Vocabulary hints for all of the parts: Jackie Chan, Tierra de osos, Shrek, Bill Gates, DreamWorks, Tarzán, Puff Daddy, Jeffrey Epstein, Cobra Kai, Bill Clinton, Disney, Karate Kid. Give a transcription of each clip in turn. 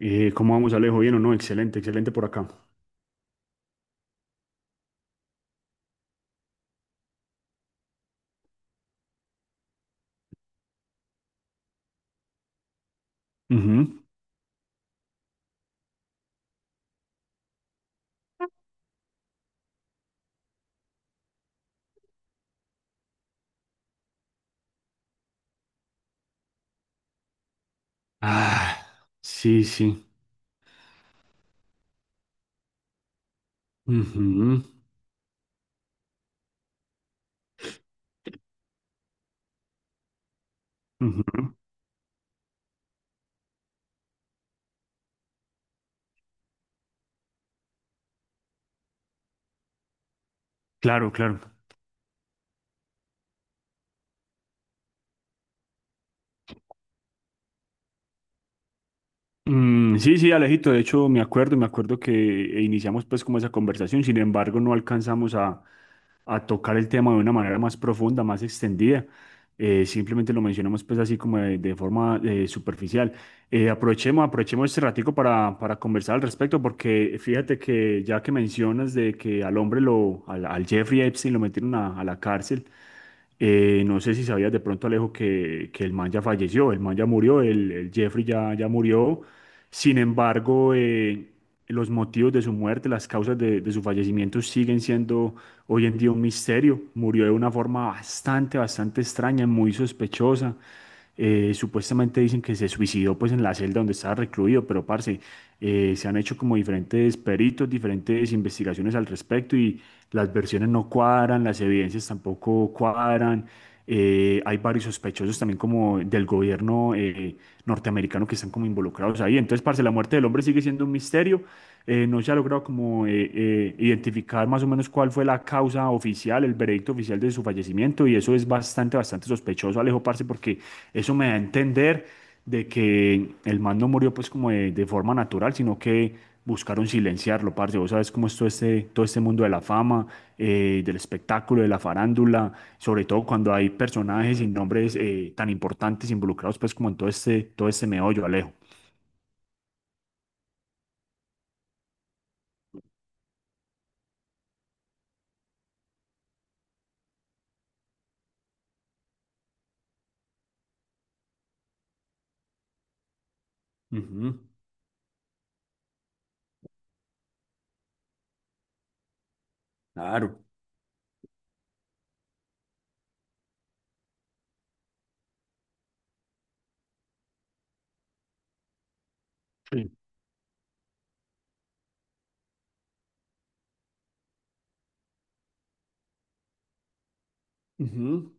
¿Cómo vamos, Alejo? ¿Bien o no? Excelente, excelente por acá. Ujú. Ah, sí, sí. Ujú, ujú. Claro, claro. Sí, sí, Alejito, de hecho me acuerdo que iniciamos pues como esa conversación, sin embargo no alcanzamos a tocar el tema de una manera más profunda, más extendida. Simplemente lo mencionamos pues así como de forma superficial. Aprovechemos, este ratico para conversar al respecto, porque fíjate que ya que mencionas de que al hombre, al Jeffrey Epstein lo metieron a la cárcel, no sé si sabías de pronto, Alejo, que el man ya falleció, el man ya murió, el Jeffrey ya, ya murió. Sin embargo, los motivos de su muerte, las causas de su fallecimiento siguen siendo hoy en día un misterio. Murió de una forma bastante, bastante extraña, muy sospechosa. Supuestamente dicen que se suicidó pues en la celda donde estaba recluido, pero parce, se han hecho como diferentes peritos, diferentes investigaciones al respecto y las versiones no cuadran, las evidencias tampoco cuadran. Hay varios sospechosos también como del gobierno norteamericano que están como involucrados ahí. Entonces, parce, la muerte del hombre sigue siendo un misterio. No se ha logrado como identificar más o menos cuál fue la causa oficial, el veredicto oficial de su fallecimiento y eso es bastante, bastante sospechoso, Alejo, parce, porque eso me da a entender de que el man no murió pues como de forma natural, sino que buscaron silenciarlo, parce. Vos sabes cómo es todo este mundo de la fama, del espectáculo, de la farándula, sobre todo cuando hay personajes y nombres tan importantes involucrados pues como en todo este meollo, Alejo. Ujú. Claro. Sí. Ujú.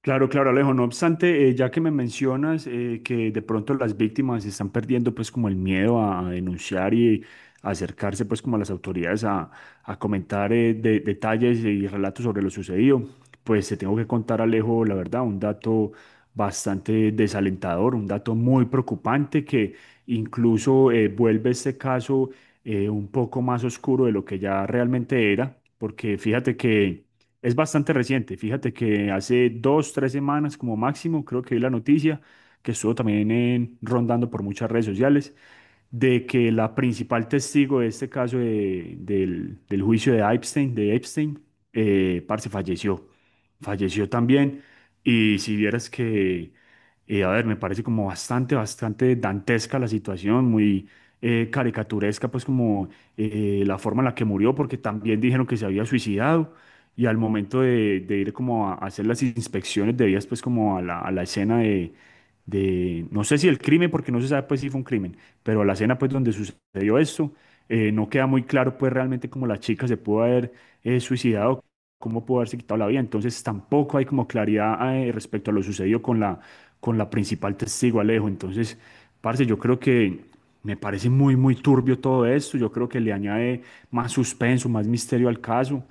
Claro, claro, Alejo. No obstante, ya que me mencionas que de pronto las víctimas están perdiendo pues como el miedo a denunciar y a acercarse pues como a las autoridades a comentar de- detalles y relatos sobre lo sucedido, pues te tengo que contar, Alejo, la verdad, un dato bastante desalentador, un dato muy preocupante que incluso vuelve este caso un poco más oscuro de lo que ya realmente era, porque fíjate que... Es bastante reciente. Fíjate que hace dos, tres semanas como máximo, creo que vi la noticia que estuvo también en- rondando por muchas redes sociales de que la principal testigo de este caso de- del juicio de Epstein, parce, falleció. Falleció también. Y si vieras que, a ver, me parece como bastante, bastante dantesca la situación, muy caricaturesca, pues como la forma en la que murió, porque también dijeron que se había suicidado y al momento de ir como a hacer las inspecciones debidas pues como a a la escena de, no sé si el crimen, porque no se sabe pues si fue un crimen, pero a la escena pues donde sucedió esto, no queda muy claro pues realmente como la chica se pudo haber suicidado, cómo pudo haberse quitado la vida. Entonces tampoco hay como claridad respecto a lo sucedido con la principal testigo, Alejo. Entonces, parce, yo creo que me parece muy, muy turbio todo esto. Yo creo que le añade más suspenso, más misterio al caso.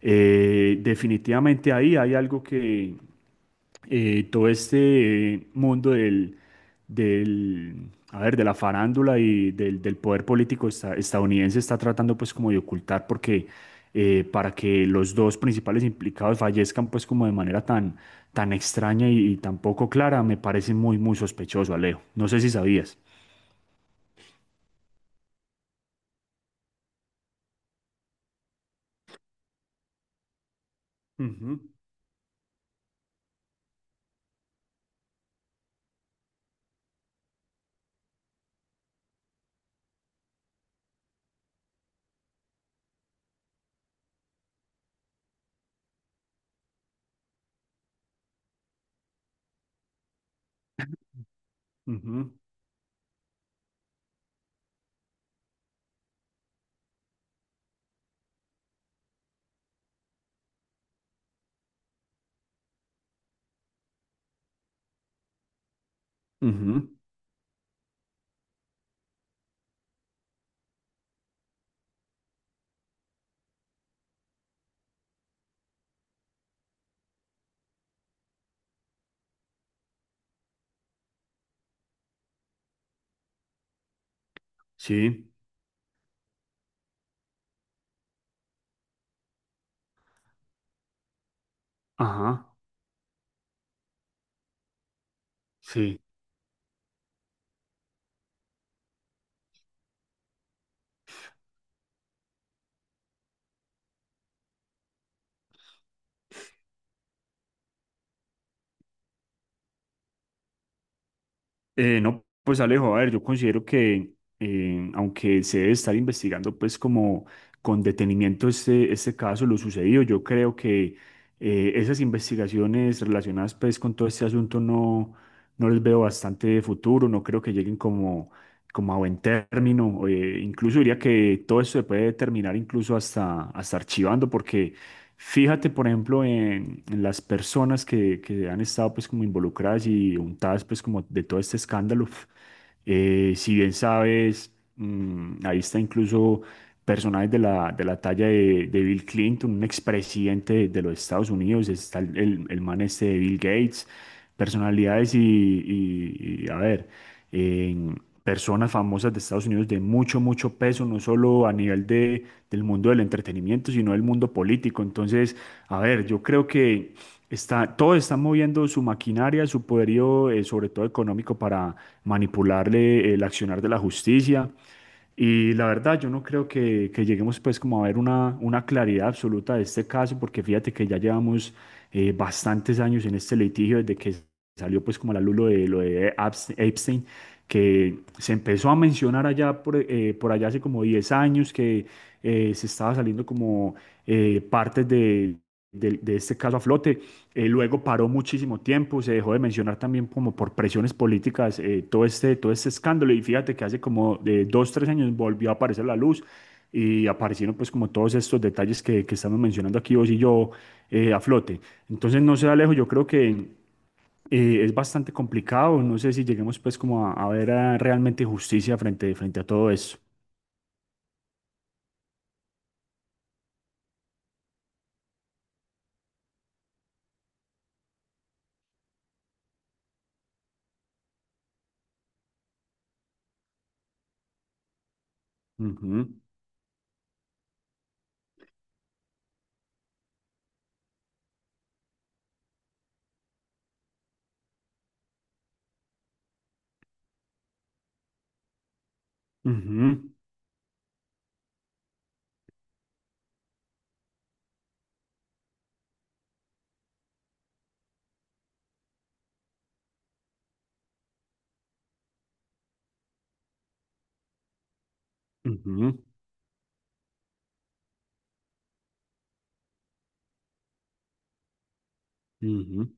Definitivamente ahí hay algo que todo este mundo del, a ver, de la farándula y del, del poder político esta- estadounidense está tratando pues como de ocultar porque para que los dos principales implicados fallezcan pues como de manera tan, tan extraña y tan poco clara, me parece muy, muy sospechoso, Alejo. No sé si sabías. Ujú, ujú, ujú. Sí, ajá, sí. No, pues Alejo, a ver, yo considero que aunque se debe estar investigando pues como con detenimiento este, este caso, lo sucedido, yo creo que esas investigaciones relacionadas pues con todo este asunto no, no les veo bastante futuro, no creo que lleguen como a buen término. Incluso diría que todo eso se puede terminar incluso hasta, hasta archivando, porque fíjate, por ejemplo, en las personas que han estado pues como involucradas y untadas pues como de todo este escándalo. Si bien sabes, mm, ahí está incluso personajes de la talla de Bill Clinton, un expresidente de los Estados Unidos, está el man este de Bill Gates, personalidades y a ver, personas famosas de Estados Unidos de mucho, mucho peso, no solo a nivel de, del mundo del entretenimiento, sino del mundo político. Entonces, a ver, yo creo que está, todos están moviendo su maquinaria, su poderío, sobre todo económico, para manipularle el accionar de la justicia. Y la verdad, yo no creo que lleguemos pues como a ver una claridad absoluta de este caso, porque fíjate que ya llevamos bastantes años en este litigio desde que salió pues como a la luz lo de Epstein, que se empezó a mencionar allá por allá hace como 10 años, que se estaba saliendo como partes de, del- de este caso a flote. Luego paró muchísimo tiempo, se dejó de mencionar también como por presiones políticas todo este escándalo y fíjate que hace como de dos, tres años volvió a aparecer la luz. Y aparecieron pues como todos estos detalles que estamos mencionando aquí vos y yo a flote. Entonces no sé, Alejo, yo creo que es bastante complicado. No sé si lleguemos pues como a ver realmente justicia frente, frente a todo eso. Ujú, ujú, ujú, ujú,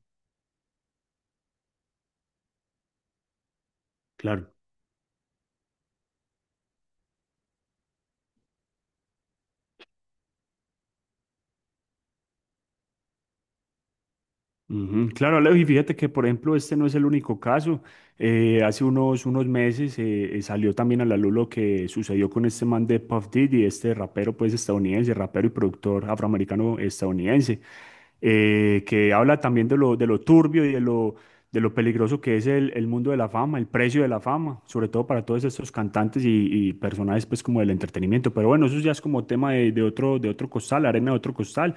claro. Ujú. Claro, Alejo, y fíjate que, por ejemplo, este no es el único caso. Hace unos, unos meses salió también a la luz lo que sucedió con este man de Puff Daddy, este rapero pues estadounidense, rapero y productor afroamericano estadounidense, que habla también de lo turbio y de lo peligroso que es el mundo de la fama, el precio de la fama, sobre todo para todos estos cantantes y personajes pues como del entretenimiento. Pero bueno, eso ya es como tema de otro costal, arena de otro costal.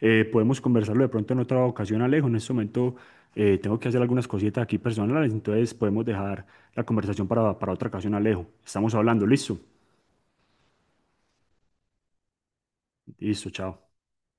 Podemos conversarlo de pronto en otra ocasión, Alejo. En este momento tengo que hacer algunas cositas aquí personales, entonces podemos dejar la conversación para otra ocasión, Alejo. Estamos hablando, listo. Listo, chao.